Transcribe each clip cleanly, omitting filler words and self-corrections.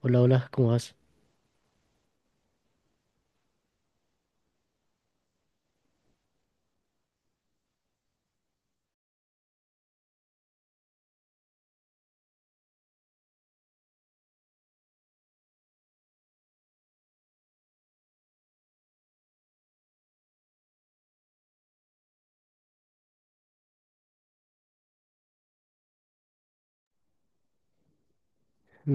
Hola, hola, ¿cómo vas?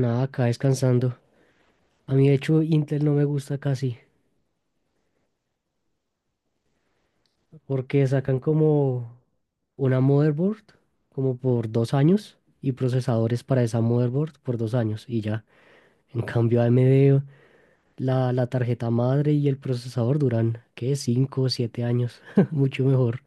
Nada, acá descansando. A mí, de hecho, Intel no me gusta casi, porque sacan como una motherboard, como por dos años, y procesadores para esa motherboard por dos años, y ya. En cambio, AMD, la tarjeta madre y el procesador duran, ¿qué? Cinco o siete años, mucho mejor.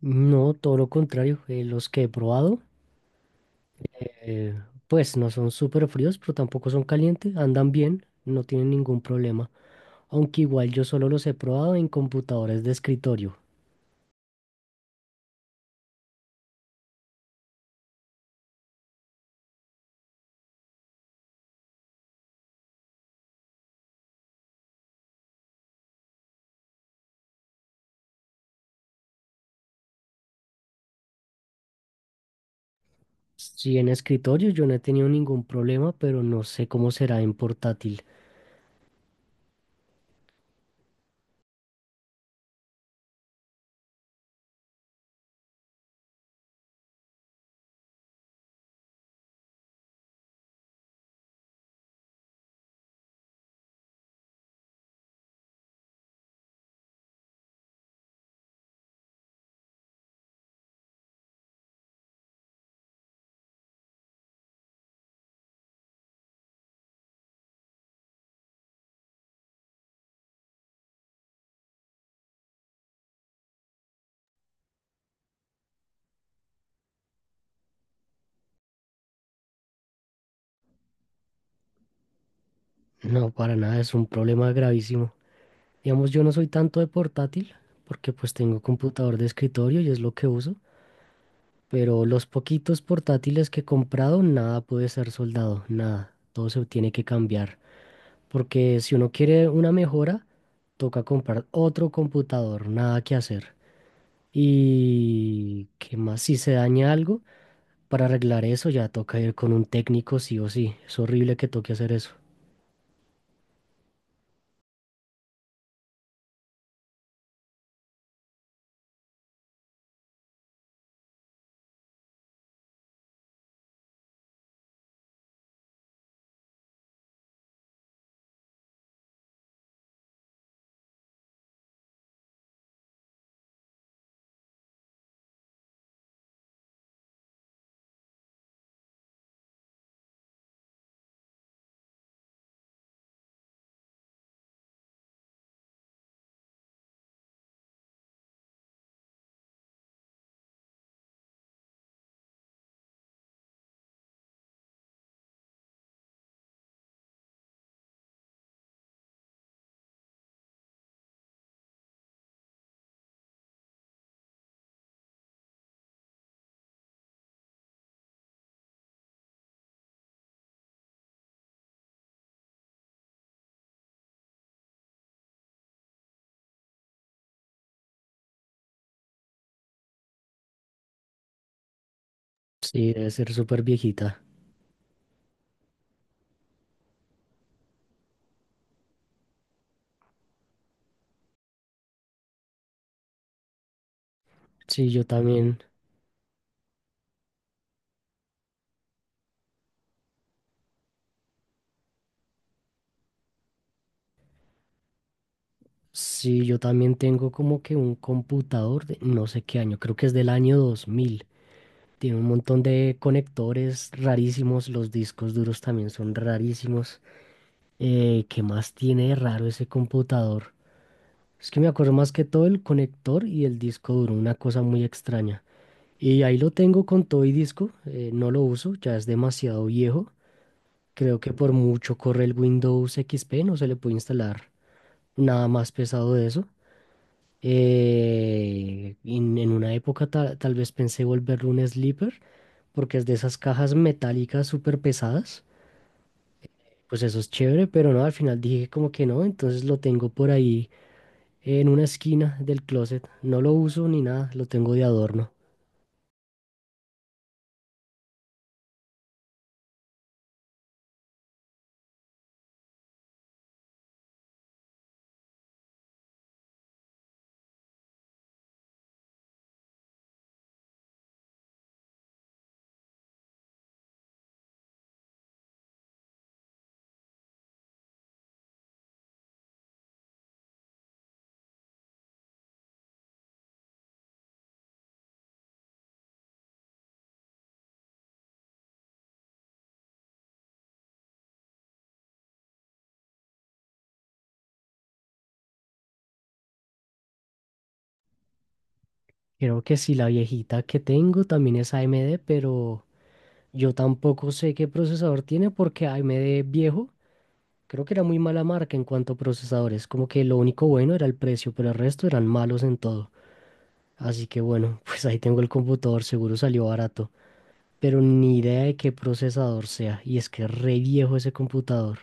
No, todo lo contrario, los que he probado, eh, pues no son súper fríos, pero tampoco son calientes, andan bien, no tienen ningún problema. Aunque igual yo solo los he probado en computadores de escritorio. Sí, en escritorio yo no he tenido ningún problema, pero no sé cómo será en portátil. No, para nada, es un problema gravísimo. Digamos, yo no soy tanto de portátil, porque pues tengo computador de escritorio y es lo que uso, pero los poquitos portátiles que he comprado, nada puede ser soldado, nada. Todo se tiene que cambiar, porque si uno quiere una mejora, toca comprar otro computador, nada que hacer. Y qué más, si se daña algo, para arreglar eso ya toca ir con un técnico sí o sí. Es horrible que toque hacer eso. Sí, debe ser súper viejita. Sí, yo también. Sí, yo también tengo como que un computador de no sé qué año, creo que es del año 2000. Tiene un montón de conectores rarísimos, los discos duros también son rarísimos. ¿Qué más tiene de raro ese computador? Es que me acuerdo más que todo el conector y el disco duro, una cosa muy extraña. Y ahí lo tengo con todo y disco, no lo uso, ya es demasiado viejo. Creo que por mucho corre el Windows XP, no se le puede instalar nada más pesado de eso. En una época tal vez pensé volverlo un sleeper, porque es de esas cajas metálicas súper pesadas. Pues eso es chévere, pero no, al final dije como que no, entonces lo tengo por ahí en una esquina del closet. No lo uso ni nada, lo tengo de adorno. Creo que sí, la viejita que tengo también es AMD, pero... Yo tampoco sé qué procesador tiene porque AMD viejo, creo que era muy mala marca en cuanto a procesadores, como que lo único bueno era el precio, pero el resto eran malos en todo. Así que bueno, pues ahí tengo el computador, seguro salió barato, pero ni idea de qué procesador sea, y es que es re viejo ese computador.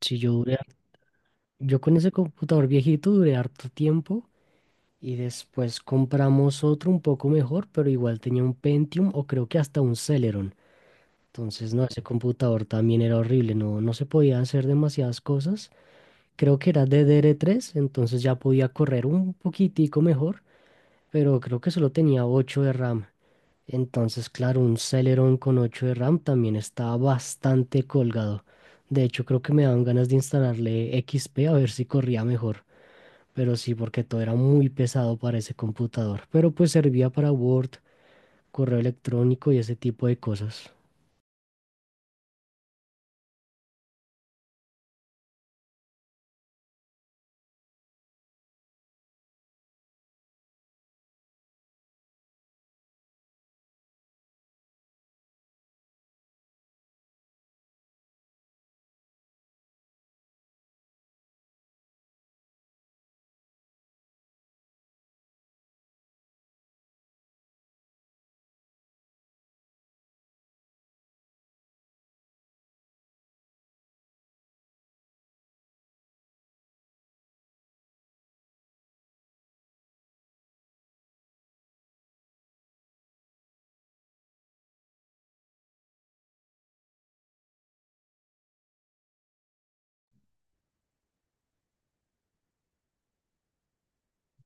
Si yo duré, har- Yo con ese computador viejito duré harto tiempo y después compramos otro un poco mejor, pero igual tenía un Pentium o creo que hasta un Celeron. Entonces, no, ese computador también era horrible, no, no se podía hacer demasiadas cosas. Creo que era DDR3, entonces ya podía correr un poquitico mejor, pero creo que solo tenía 8 de RAM. Entonces, claro, un Celeron con 8 de RAM también estaba bastante colgado. De hecho, creo que me daban ganas de instalarle XP a ver si corría mejor. Pero sí, porque todo era muy pesado para ese computador. Pero pues servía para Word, correo electrónico y ese tipo de cosas.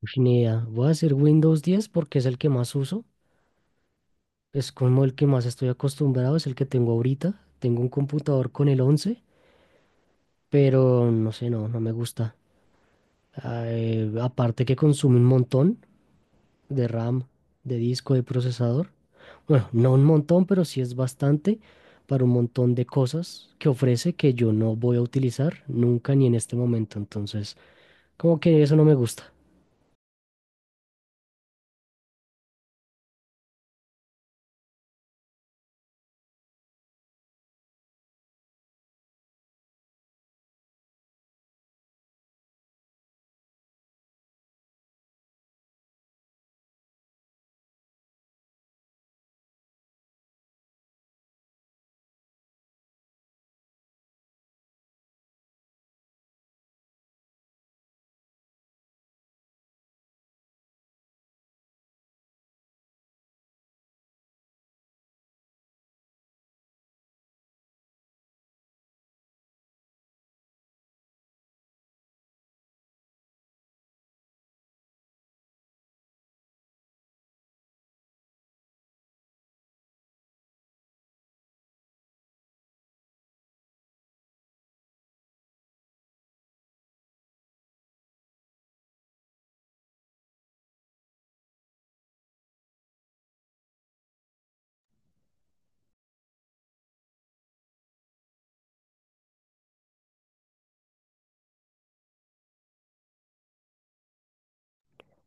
Ush, ni idea. Voy a decir Windows 10 porque es el que más uso. Es como el que más estoy acostumbrado, es el que tengo ahorita. Tengo un computador con el 11, pero no sé, no, no me gusta. Aparte que consume un montón de RAM, de disco, de procesador. Bueno, no un montón, pero sí es bastante para un montón de cosas que ofrece que yo no voy a utilizar nunca ni en este momento. Entonces, como que eso no me gusta.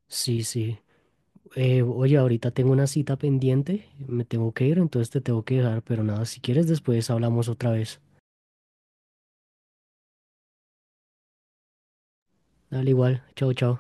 Sí, sí. Oye, ahorita tengo una cita pendiente, me tengo que ir, entonces te tengo que dejar, pero nada, si quieres después hablamos otra vez. Dale igual, chao, chao.